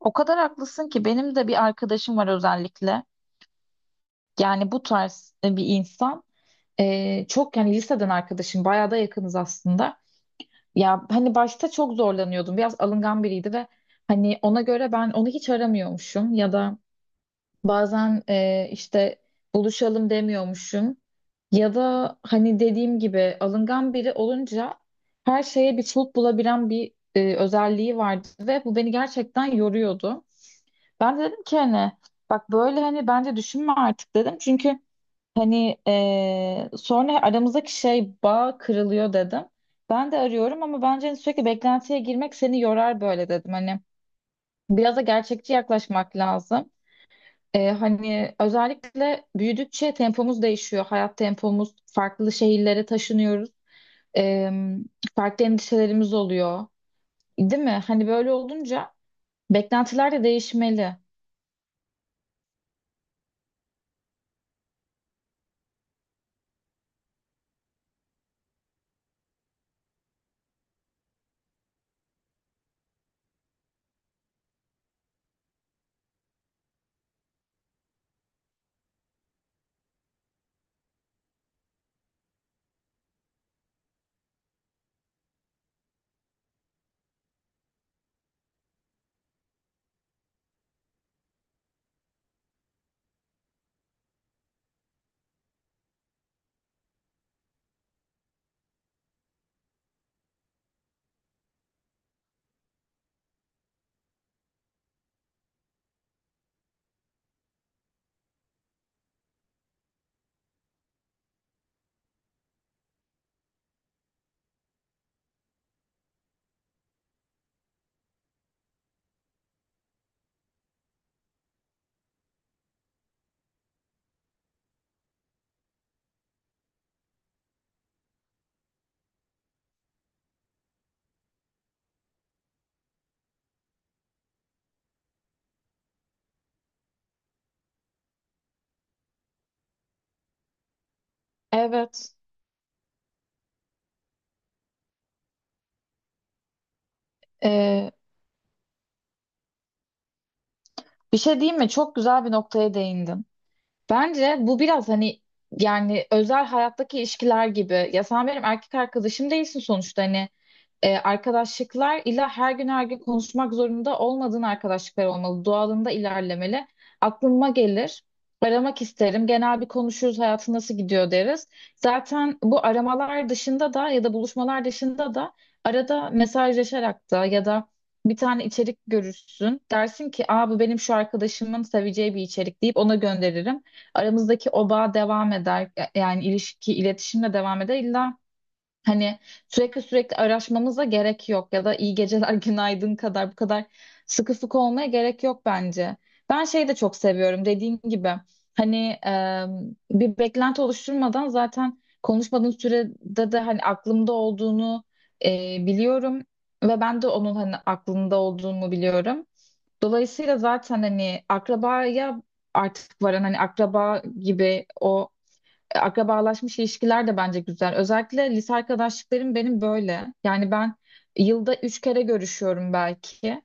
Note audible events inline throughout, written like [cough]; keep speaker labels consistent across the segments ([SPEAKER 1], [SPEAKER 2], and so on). [SPEAKER 1] O kadar haklısın ki benim de bir arkadaşım var özellikle. Bu tarz bir insan. Çok yani liseden arkadaşım bayağı da yakınız aslında. Başta çok zorlanıyordum. Biraz alıngan biriydi ve hani ona göre ben onu hiç aramıyormuşum ya da bazen işte buluşalım demiyormuşum. Ya da hani dediğim gibi alıngan biri olunca her şeye bir çoluk bulabilen bir özelliği vardı ve bu beni gerçekten yoruyordu. Ben de dedim ki hani bak böyle hani bence düşünme artık dedim. Çünkü sonra aramızdaki şey bağ kırılıyor dedim. Ben de arıyorum ama bence hani sürekli beklentiye girmek seni yorar böyle dedim. Hani biraz da gerçekçi yaklaşmak lazım. Hani özellikle büyüdükçe tempomuz değişiyor. Hayat tempomuz farklı şehirlere taşınıyoruz. Eee, farklı endişelerimiz oluyor. Değil mi? Hani böyle olunca beklentiler de değişmeli. Evet. Bir şey diyeyim mi? Çok güzel bir noktaya değindin. Bence bu biraz hani yani özel hayattaki ilişkiler gibi. Ya sen benim erkek arkadaşım değilsin sonuçta. Hani arkadaşlıklar ile her gün her gün konuşmak zorunda olmadığın arkadaşlıklar olmalı. Doğalında ilerlemeli. Aklıma gelir. Aramak isterim. Genel bir konuşuruz, hayatın nasıl gidiyor deriz. Zaten bu aramalar dışında da ya da buluşmalar dışında da arada mesajlaşarak da ya da bir tane içerik görürsün. Dersin ki Aa, bu benim şu arkadaşımın seveceği bir içerik deyip ona gönderirim. Aramızdaki o bağ devam eder. Yani ilişki, iletişimle devam eder. İlla hani sürekli sürekli araşmamıza gerek yok ya da iyi geceler [laughs] günaydın kadar bu kadar sıkı sıkı olmaya gerek yok bence. Ben şeyi de çok seviyorum dediğim gibi hani e, bir beklenti oluşturmadan zaten konuşmadığın sürede de hani aklımda olduğunu e, biliyorum ve ben de onun hani aklında olduğunu biliyorum. Dolayısıyla zaten hani akrabaya artık varan hani akraba gibi o akrabalaşmış ilişkiler de bence güzel. Özellikle lise arkadaşlıklarım benim böyle. Yani ben yılda 3 kere görüşüyorum belki.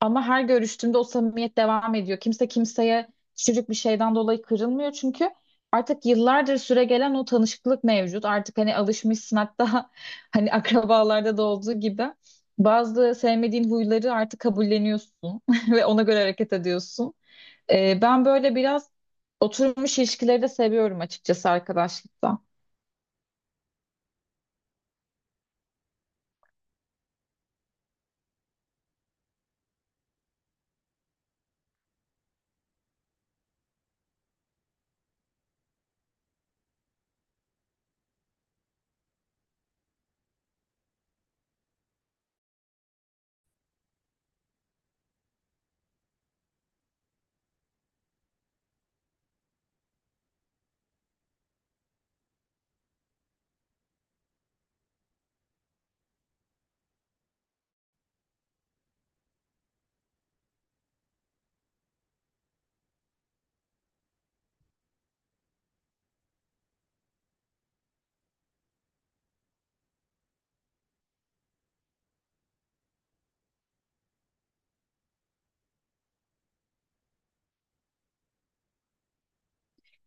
[SPEAKER 1] Ama her görüştüğümde o samimiyet devam ediyor. Kimse kimseye küçücük bir şeyden dolayı kırılmıyor. Çünkü artık yıllardır süre gelen o tanışıklık mevcut. Artık hani alışmışsın hatta [laughs] hani akrabalarda da olduğu gibi. Bazı sevmediğin huyları artık kabulleniyorsun [laughs] ve ona göre hareket ediyorsun. Ben böyle biraz oturmuş ilişkileri de seviyorum açıkçası arkadaşlıkta.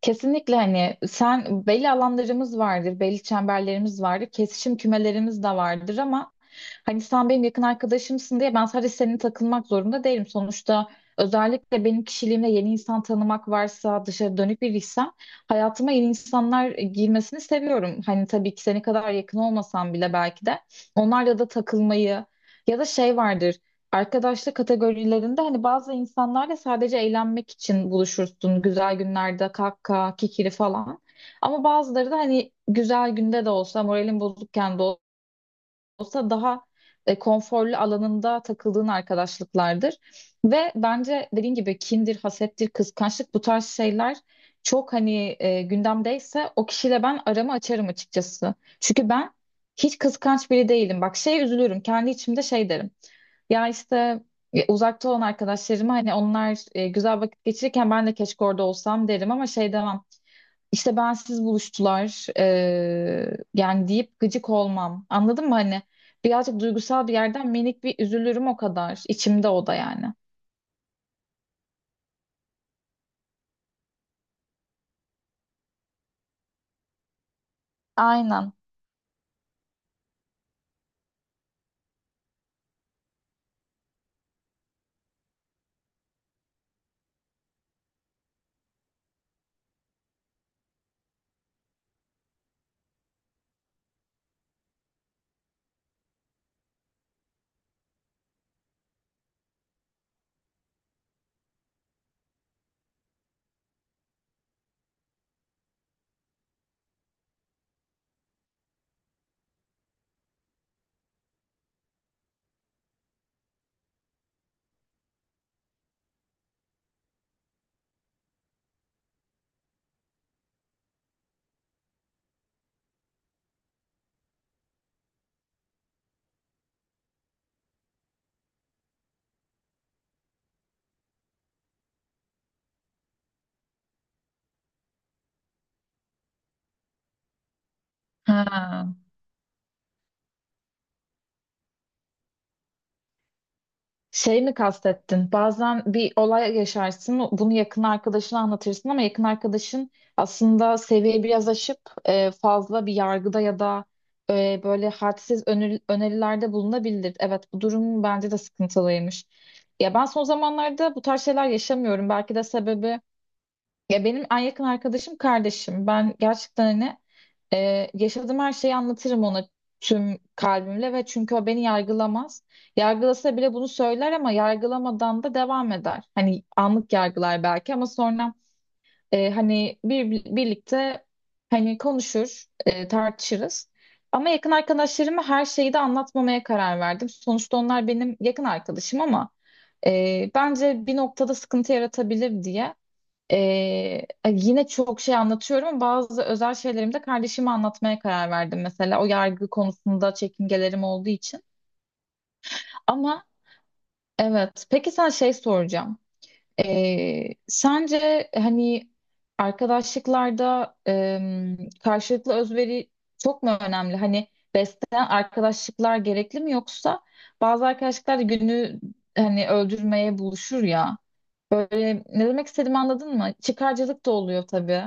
[SPEAKER 1] Kesinlikle hani sen belli alanlarımız vardır, belli çemberlerimiz vardır, kesişim kümelerimiz de vardır ama hani sen benim yakın arkadaşımsın diye ben sadece seninle takılmak zorunda değilim. Sonuçta özellikle benim kişiliğimde yeni insan tanımak varsa, dışarı dönük biriysem hayatıma yeni insanlar girmesini seviyorum. Hani tabii ki seni kadar yakın olmasam bile belki de onlarla da takılmayı ya da şey vardır. Arkadaşlık kategorilerinde hani bazı insanlarla sadece eğlenmek için buluşursun. Güzel günlerde kahkaha, kikiri falan. Ama bazıları da hani güzel günde de olsa, moralin bozukken de olsa daha konforlu alanında takıldığın arkadaşlıklardır. Ve bence dediğin gibi kindir, hasettir, kıskançlık bu tarz şeyler çok hani gündemdeyse o kişiyle ben aramı açarım açıkçası. Çünkü ben hiç kıskanç biri değilim. Bak şey üzülürüm. Kendi içimde şey derim. Ya işte uzakta olan arkadaşlarıma hani onlar güzel vakit geçirirken ben de keşke orada olsam derim ama şey demem. İşte bensiz buluştular, deyip gıcık olmam. Anladın mı hani? Birazcık duygusal bir yerden minik bir üzülürüm o kadar. İçimde o da yani. Aynen. Ha. Şey mi kastettin? Bazen bir olay yaşarsın, bunu yakın arkadaşına anlatırsın ama yakın arkadaşın aslında seviye biraz aşıp fazla bir yargıda ya da böyle hadsiz önerilerde bulunabilir. Evet, bu durum bence de sıkıntılıymış. Ya ben son zamanlarda bu tarz şeyler yaşamıyorum. Belki de sebebi ya benim en yakın arkadaşım kardeşim. Ben gerçekten hani yaşadığım her şeyi anlatırım ona tüm kalbimle ve çünkü o beni yargılamaz. Yargılasa bile bunu söyler ama yargılamadan da devam eder. Hani anlık yargılar belki ama sonra e, hani bir, birlikte hani konuşur, tartışırız. Ama yakın arkadaşlarıma her şeyi de anlatmamaya karar verdim. Sonuçta onlar benim yakın arkadaşım ama bence bir noktada sıkıntı yaratabilir diye. Yine çok şey anlatıyorum. Ama bazı özel şeylerimi de kardeşime anlatmaya karar verdim mesela. O yargı konusunda çekingelerim olduğu için. Ama evet. Peki sen şey soracağım. Sence hani arkadaşlıklarda karşılıklı özveri çok mu önemli? Hani besleyen arkadaşlıklar gerekli mi yoksa bazı arkadaşlıklar da günü hani öldürmeye buluşur ya. Böyle ne demek istediğimi anladın mı? Çıkarcılık da oluyor tabii.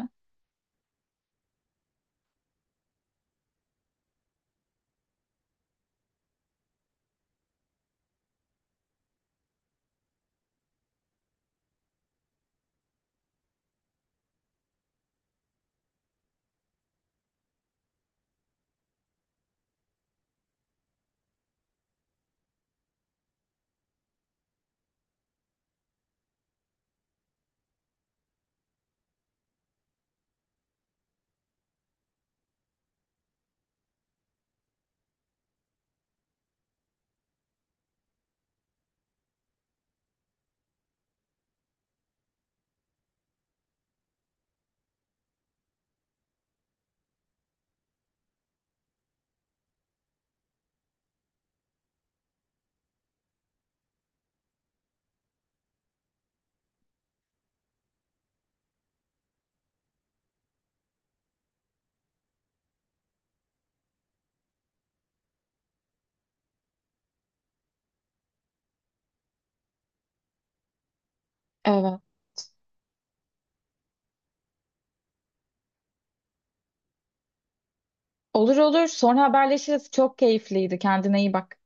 [SPEAKER 1] Olur olur. Sonra haberleşiriz. Çok keyifliydi. Kendine iyi bak.